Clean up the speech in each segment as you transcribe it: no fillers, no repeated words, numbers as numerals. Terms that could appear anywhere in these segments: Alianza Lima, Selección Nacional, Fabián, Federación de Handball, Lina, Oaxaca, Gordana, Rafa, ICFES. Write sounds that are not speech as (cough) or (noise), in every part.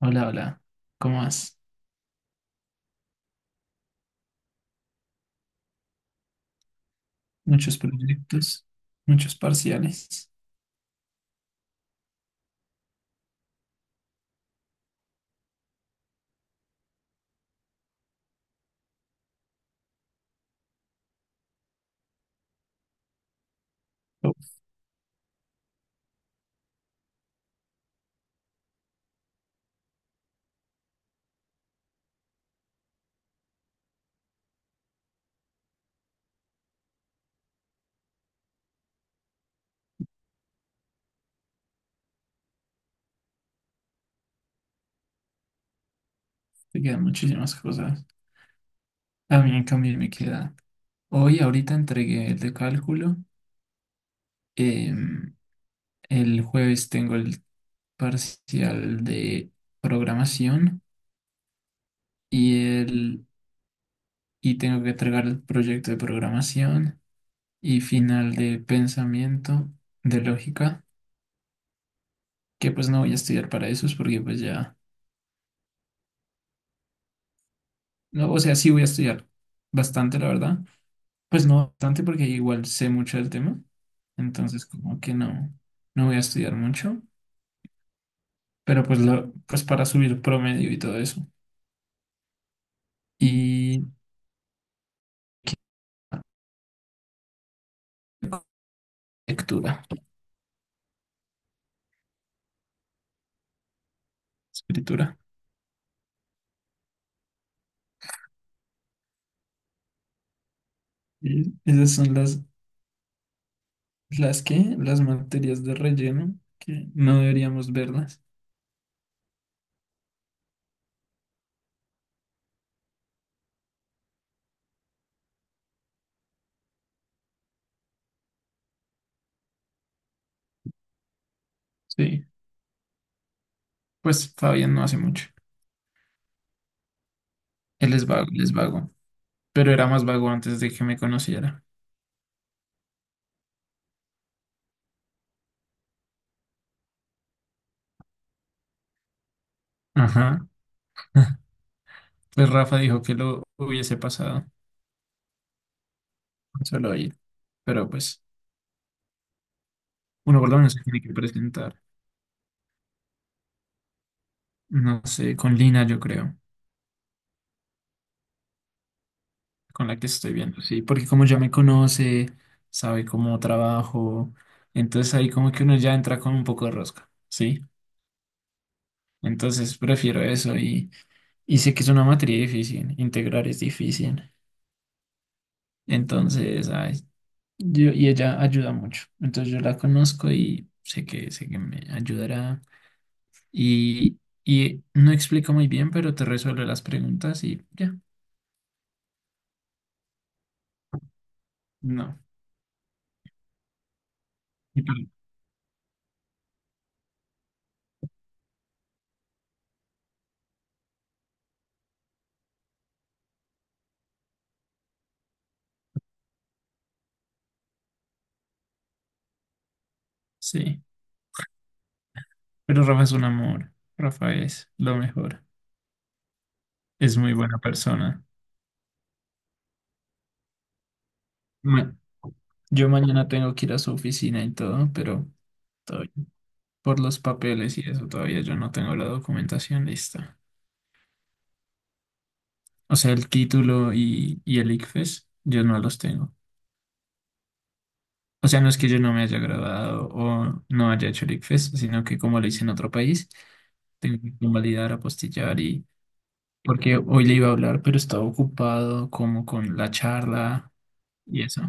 Hola, hola. ¿Cómo vas? Muchos proyectos, muchos parciales. Uf, te quedan muchísimas cosas. A mí, en cambio, me queda. Hoy, ahorita entregué el de cálculo. em, el jueves tengo el parcial de programación y el y tengo que entregar el proyecto de programación y final de pensamiento de lógica, que pues no voy a estudiar para esos porque pues ya, no, o sea, sí voy a estudiar bastante, la verdad. Pues no bastante porque igual sé mucho del tema, entonces como que no, no voy a estudiar mucho, pero pues para subir promedio y todo eso. Y lectura, escritura. Y esas son las materias de relleno que no deberíamos verlas. Sí, pues Fabián no hace mucho. Él es vago, pero era más vago antes de que me conociera. Ajá. (laughs) Pues Rafa dijo que lo hubiese pasado solo ahí, pero pues... Bueno, Gordana se tiene que presentar, no sé, con Lina, yo creo, con la que estoy viendo, sí, porque como ya me conoce, sabe cómo trabajo, entonces ahí como que uno ya entra con un poco de rosca, ¿sí? Entonces prefiero eso y sé que es una materia difícil, integrar es difícil, entonces, ay, yo, y ella ayuda mucho, entonces yo la conozco y sé que me ayudará y no explica muy bien, pero te resuelve las preguntas y ya, no. Y para- Sí. Pero Rafa es un amor. Rafa es lo mejor. Es muy buena persona. Ma- yo mañana tengo que ir a su oficina y todo, pero todavía- por los papeles y eso todavía yo no tengo la documentación lista. O sea, el título y el ICFES, yo no los tengo. O sea, no es que yo no me haya graduado o no haya hecho el ICFES, sino que como lo hice en otro país, tengo que convalidar, apostillar y... Porque hoy le iba a hablar, pero estaba ocupado como con la charla y eso.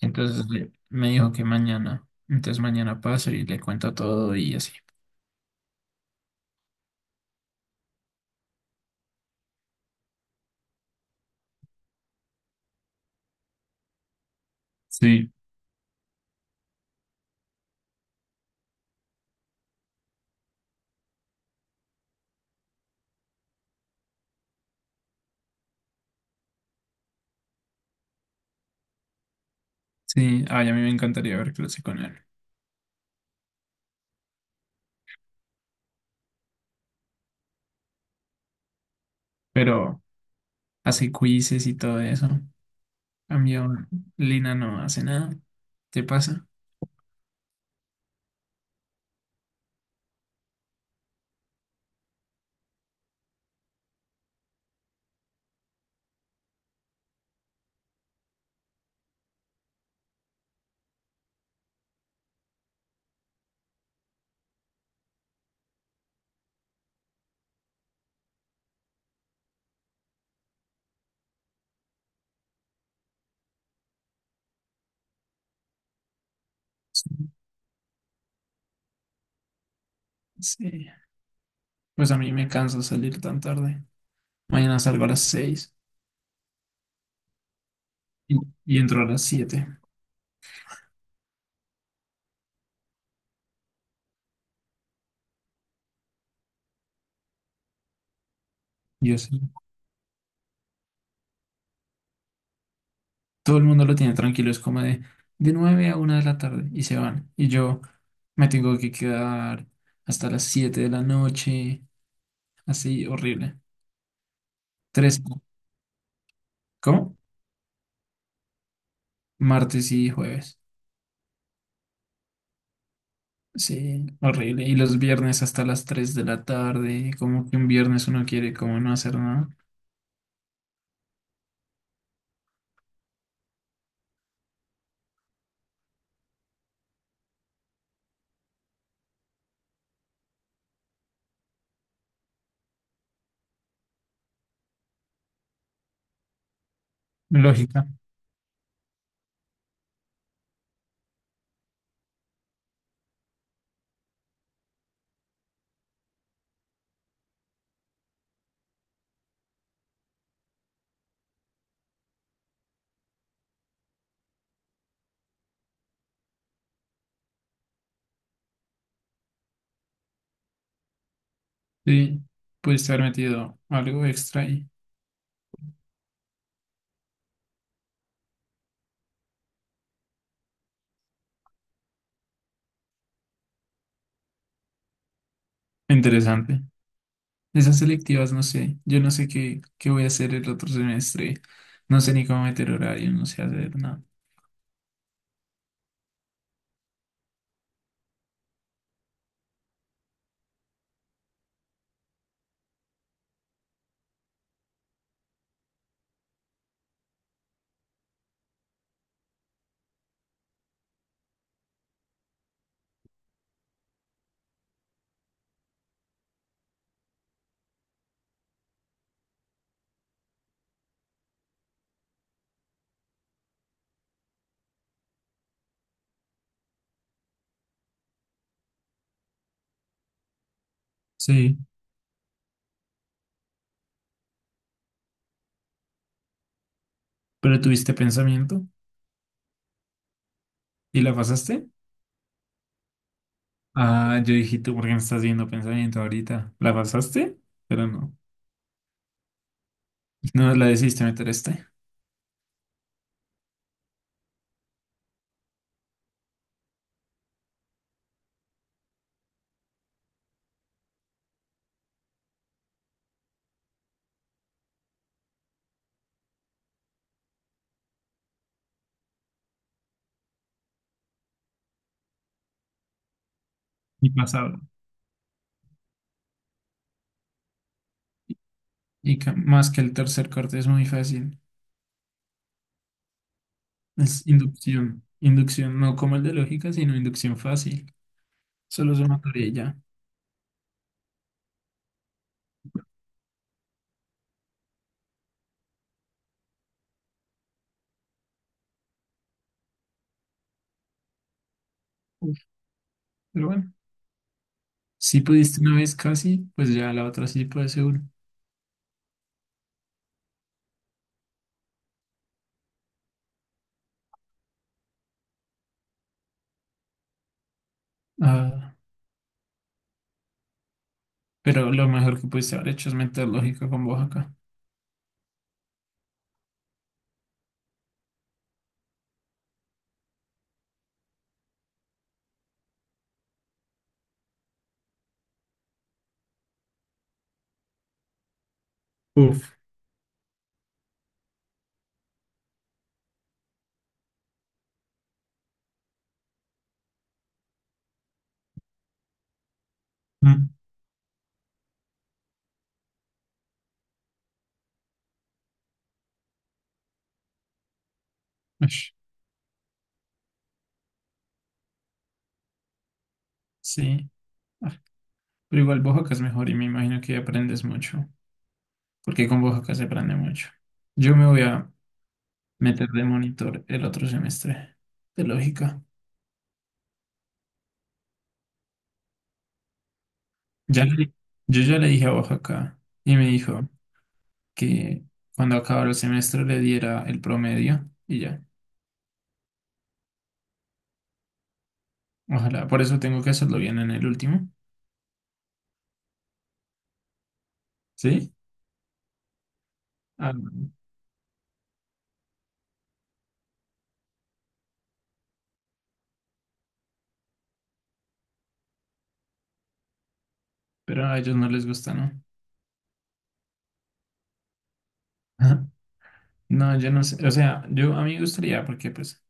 Entonces le- me dijo que mañana. Entonces mañana paso y le cuento todo y así. Sí, sí. Ay, a mí me encantaría ver clase con él. Pero hace quizzes y todo eso. Cambio, Lina no hace nada. ¿Te pasa? Sí. Sí. Pues a mí me cansa salir tan tarde. Mañana salgo a las 6 y, y entro a las siete. Yo sí. Todo el mundo lo tiene tranquilo, es como de 9 a una de la tarde y se van. Y yo me tengo que quedar hasta las 7 de la noche, así, horrible. Tres, ¿cómo? Martes y jueves. Sí, horrible. Y los viernes hasta las 3 de la tarde, como que un viernes uno quiere como no hacer nada. Lógica. Sí, puedes haber metido algo extra y interesante. Esas selectivas, no sé. Yo no sé qué, qué voy a hacer el otro semestre. No sé ni cómo meter horario, no sé hacer nada. Sí, pero tuviste pensamiento y la pasaste. Ah, yo dije, ¿tú por qué me estás viendo pensamiento ahorita? ¿La pasaste? Pero no. No la decidiste meter este. Y pasaba. Y ca- más que el tercer corte es muy fácil. Es inducción. Inducción, no como el de lógica, sino inducción fácil. Solo sumatoria y ya. Uf, pero bueno, si pudiste una vez casi, pues ya la otra sí puede ser. Ah, pero lo mejor que pudiste haber hecho es meter lógica con Oaxaca. Uf. Mm. Ush, sí, ah, pero igual Oaxaca es mejor y me imagino que aprendes mucho, porque con Oaxaca se aprende mucho. Yo me voy a meter de monitor el otro semestre de lógica. Ya le- yo ya le dije a Oaxaca y me dijo que cuando acabara el semestre le diera el promedio y ya. Ojalá, por eso tengo que hacerlo bien en el último, ¿sí? Ah, pero a ellos no les gusta, ¿no? (laughs) No, yo no sé, o sea, yo a mí me gustaría porque pues,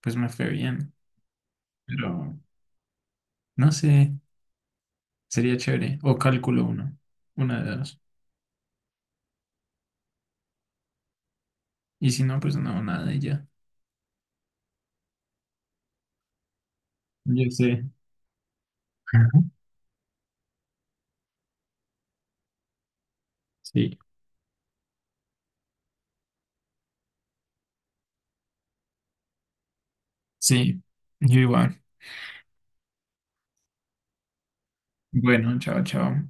pues me fue bien, pero no sé, sería chévere. O cálculo uno, una de dos. Y si no, pues no, nada y ya. Yo sé. (laughs) Sí, sí, yo igual. Bueno, chao, chao.